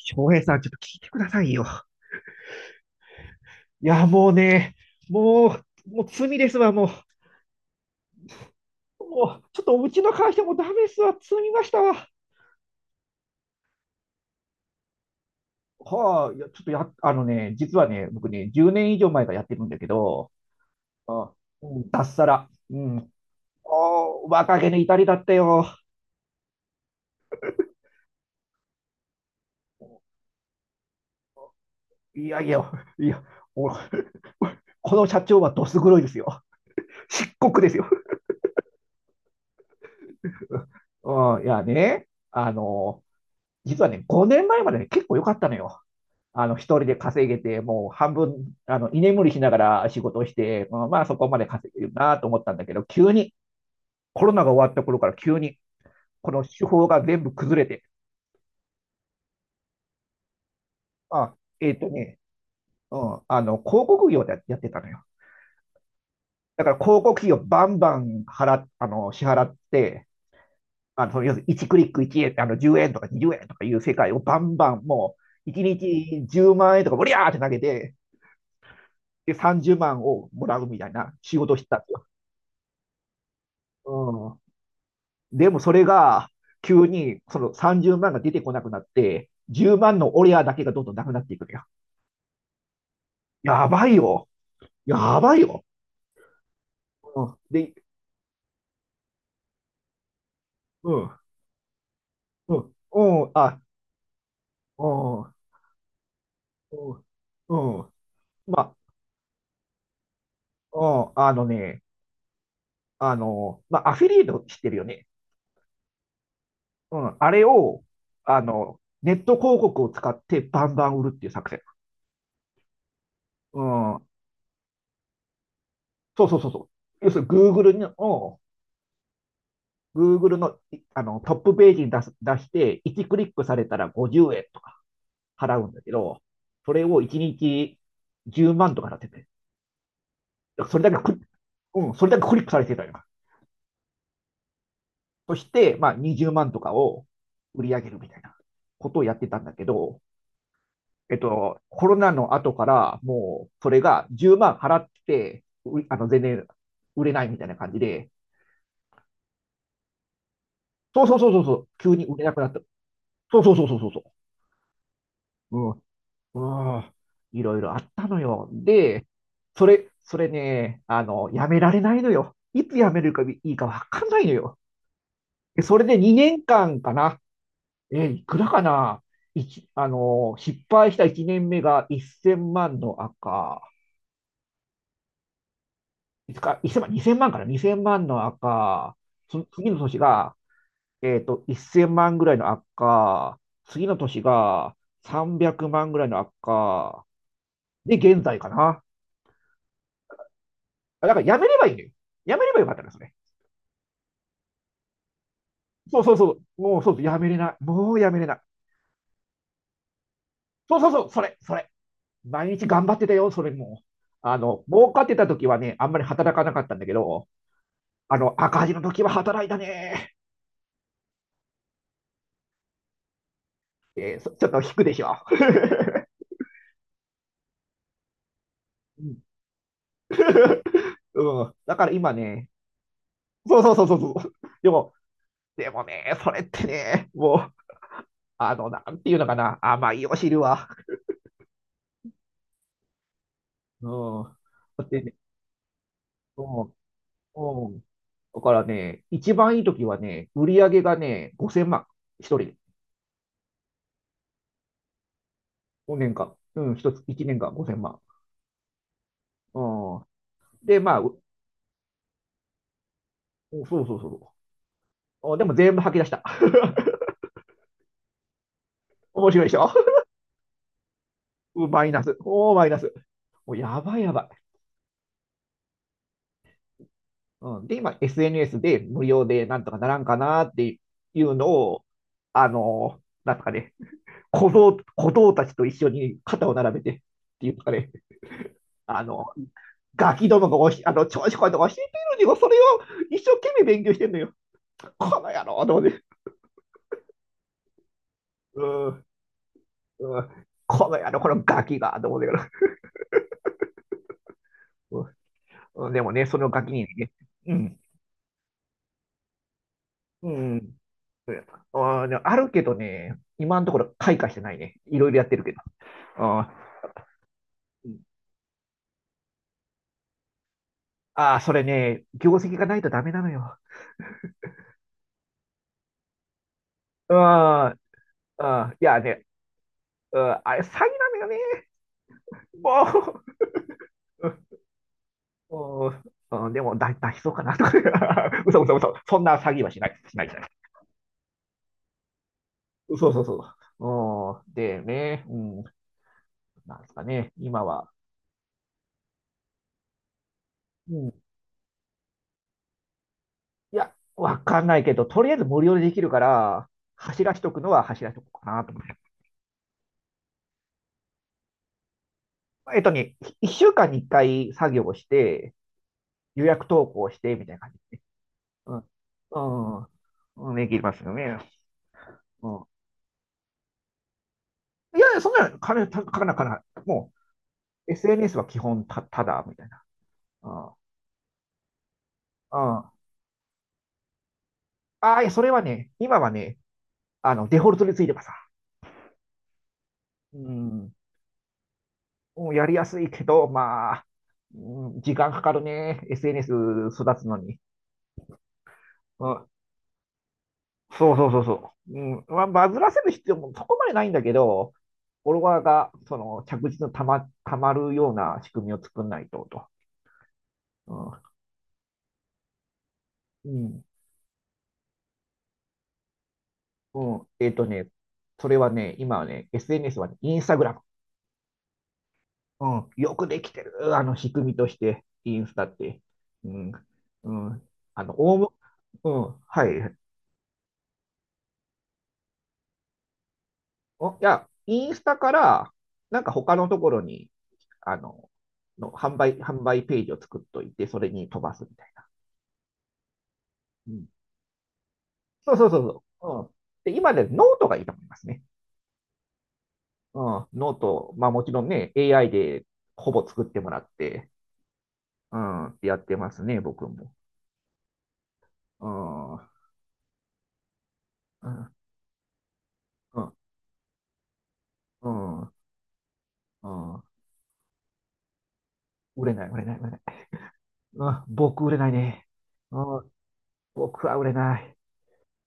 翔平さん、ちょっと聞いてくださいよ。いや、もうね、もう罪ですわ、もう。もう、ちょっとうちの会社もダメですわ、積みましたわ。はあ、いや、ちょっとや、実はね、僕ね、10年以上前からやってるんだけど、あ、うん、脱サラ。うん。おー、若気の至りだったよ。いやいや、いや、お この社長はどす黒いですよ。漆黒ですよ。うん、いやね、実はね、5年前までね、結構良かったのよ。一人で稼げて、もう半分、居眠りしながら仕事をして、まあそこまで稼げるなと思ったんだけど、急に、コロナが終わった頃から急に、この手法が全部崩れて、あ、えっとね、うん、広告業でやってたのよ。だから広告費をバンバン払っ、あの、支払って、要するに1クリック1円、10円とか20円とかいう世界をバンバンもう、1日10万円とか、おりゃーって投げて、で、30万をもらうみたいな仕事をしてたんですよ。うん。でもそれが急にその30万が出てこなくなって、10万のオレアだけがどんどんなくなっていくのよ。やばいよ。やばいよ。うん、で、うん、うん、うん、うん、うん、うん。まあ、うん、アフィリエイト知ってるよね。うん、あれを、ネット広告を使ってバンバン売るっていう作戦。うん、そうそうそうそう。要するに Google のあのトップページに出して、1クリックされたら50円とか払うんだけど、それを1日10万とか払ってて、それだけクリ、うん、それだけクリックされてたよ。そして、まあ、20万とかを売り上げるみたいなことをやってたんだけど、コロナの後からもうそれが10万払って、全然売れないみたいな感じで、そうそうそうそうそう、急に売れなくなった。そうそうそうそうそう。ううん、いろいろあったのよ。で、それね、やめられないのよ。いつやめるかいいかわかんないのよ。でそれで2年間かんかな。いくらかな。一あの、失敗した1年目が1000万の赤。いつか、1 0万、2000万から2000万の赤。次の年が、1000万ぐらいの赤。次の年が300万ぐらいの赤。で、現在かな。だからやめればいいのよ。やめればよかったんですね。そうそうそう。もうそうやめれない。もうやめれない。そうそうそう、それ、それ。毎日頑張ってたよ、それもう。儲かってた時はね、あんまり働かなかったんだけど、赤字の時は働いたね。ちょっと引くでしょ。うん、うんだから今ね、そうそうそうそうそう。でも、でもね、それってね、もう、なんていうのかな、甘いお汁は。うん。だってね、うん、うん。だからね、一番いい時はね、売り上げがね、5000万、一人、年間。うん、一年間5000万。うん。で、まあ、そうそうそう。でも全部吐き出した。面白いでしょマイナス。おー、マイナス。もうやばいやばい。うん、で、今、SNS で無料でなんとかならんかなっていうのを、なんとかね、小僧たちと一緒に肩を並べてっていうかね、あのーガキどもがあの調子こいとか教えてるのにそれを一生懸命勉強してんのよ。この野郎と思って。うんうんこの野郎、このガキが、と思ってから。うんでもね、そのガキにね、うん、うん、あるけどね、今のところ開花してないね。いろいろやってるけど。ああそれね、業績がないとダメなのよ。うん、うんいやね、うんあれ詐欺なのよね。もう、うん、うんでも、出しそうかなとか。嘘嘘嘘。そんな詐欺はしない、しない、しない。そうそうそう。うん、でね、うん、なんですかね、今は。うん、いや、わかんないけど、とりあえず無料でできるから、走らしとくのは走らしとこうかなと思って。えっとね、1週間に1回作業をして、予約投稿して、みたいな感じでね。うん。うん。うん、できますよね。うん。いやいや、そんなの金たかなかな。もう、SNS は基本ただ、みたいな。うん。うん。ああ、いやそれはね、今はね、デフォルトについてます。うん、もうやりやすいけど、まあ、うん、時間かかるね。SNS 育つのに。うん、そうそうそうそう。うん、まあ、バズらせる必要もそこまでないんだけど、フォロワーが、着実にたまるような仕組みを作んないと、と。うん、うん、うんそれはね、今はね、SNS はね、インスタグラム。うん、よくできてる、あの仕組みとして、インスタって。うん、うん、オウム、うん、はい。いや、インスタから、なんか他のところに、あの、販売ページを作っといて、それに飛ばすみたいな。うん、そうそうそうそう。うん、で、今でノートがいいと思いますね。うん、ノート、まあもちろんね、AI でほぼ作ってもらって、うん、やってますね、僕も。うん、うん、うん、うん。うん売れない、売れない、売れない。うん、僕売れないね。うん、僕は売れない。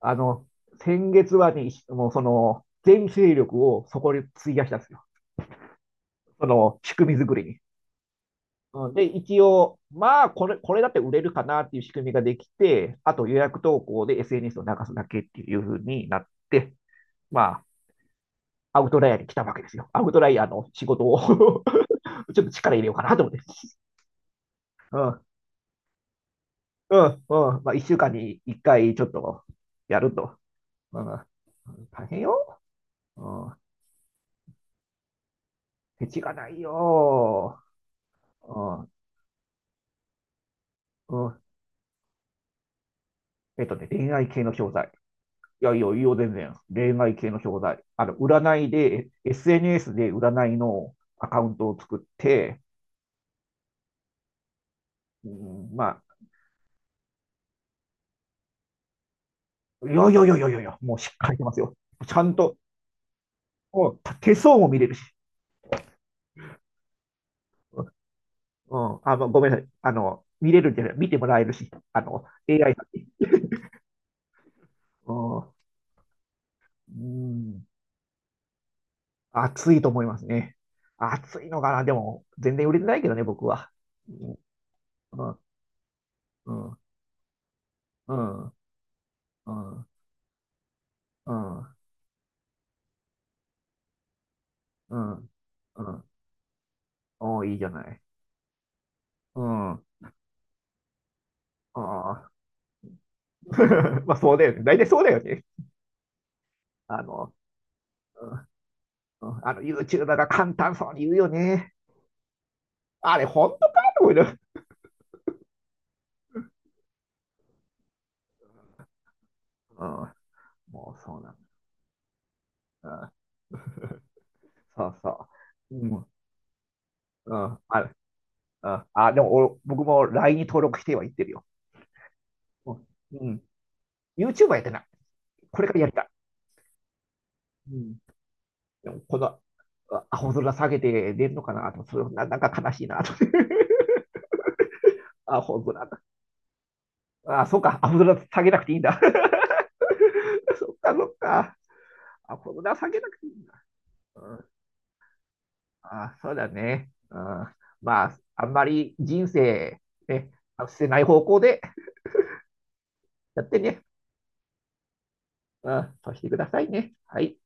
あの、先月はね、もう全勢力をそこに費やしたんですよ。仕組み作りに。うん、で、一応、まあ、これだって売れるかなっていう仕組みができて、あと予約投稿で SNS を流すだけっていうふうになって、まあ、アウトライアーに来たわけですよ。アウトライアーの仕事を ちょっと力入れようかなと思って。うん、うん、うん。まあ、1週間に1回ちょっとやると。うん、大変よ。うん、フェチがないよ。うん、うん。恋愛系の教材。いや、いやいいよ、全然。恋愛系の教材。占いで、SNS で占いのアカウントを作って、うん、まあ、いやいやいやいやいや、もうしっかりしてますよ。ちゃんと、もう手相も見れるし、うん、ごめんなさい。見れるんじゃない、見てもらえるし、AI さんに。うん、うん暑いと思いますね。暑いのかなでも、全然売れてないけどね、僕は。うん、うん、うん、うん、うん、うん、うんうんおーいいじゃない。うん、ああ。まあ、そうだよね。大体そうだよね。あの、うん、うんYouTuber が簡単そうに言うよね。あれ、本当かと思いながらうん、もうそうなんだ。うん、そうそう。うん、うん、ある。うんでも僕も LINE に登録してはいってるよ。うん、うん YouTuber やってない。これからやりたい。うん。でもこの青空下げて出るのかなと、それな、なんか悲しいなと。青空。あ、そうか、青空下げなくていいんだ。そっか、そっか。青空下げなくていいんだ。うん、あ、そうだね。うん、まあ、あんまり人生、ね、捨てない方向でやってね、うん、そうしてくださいね。はい。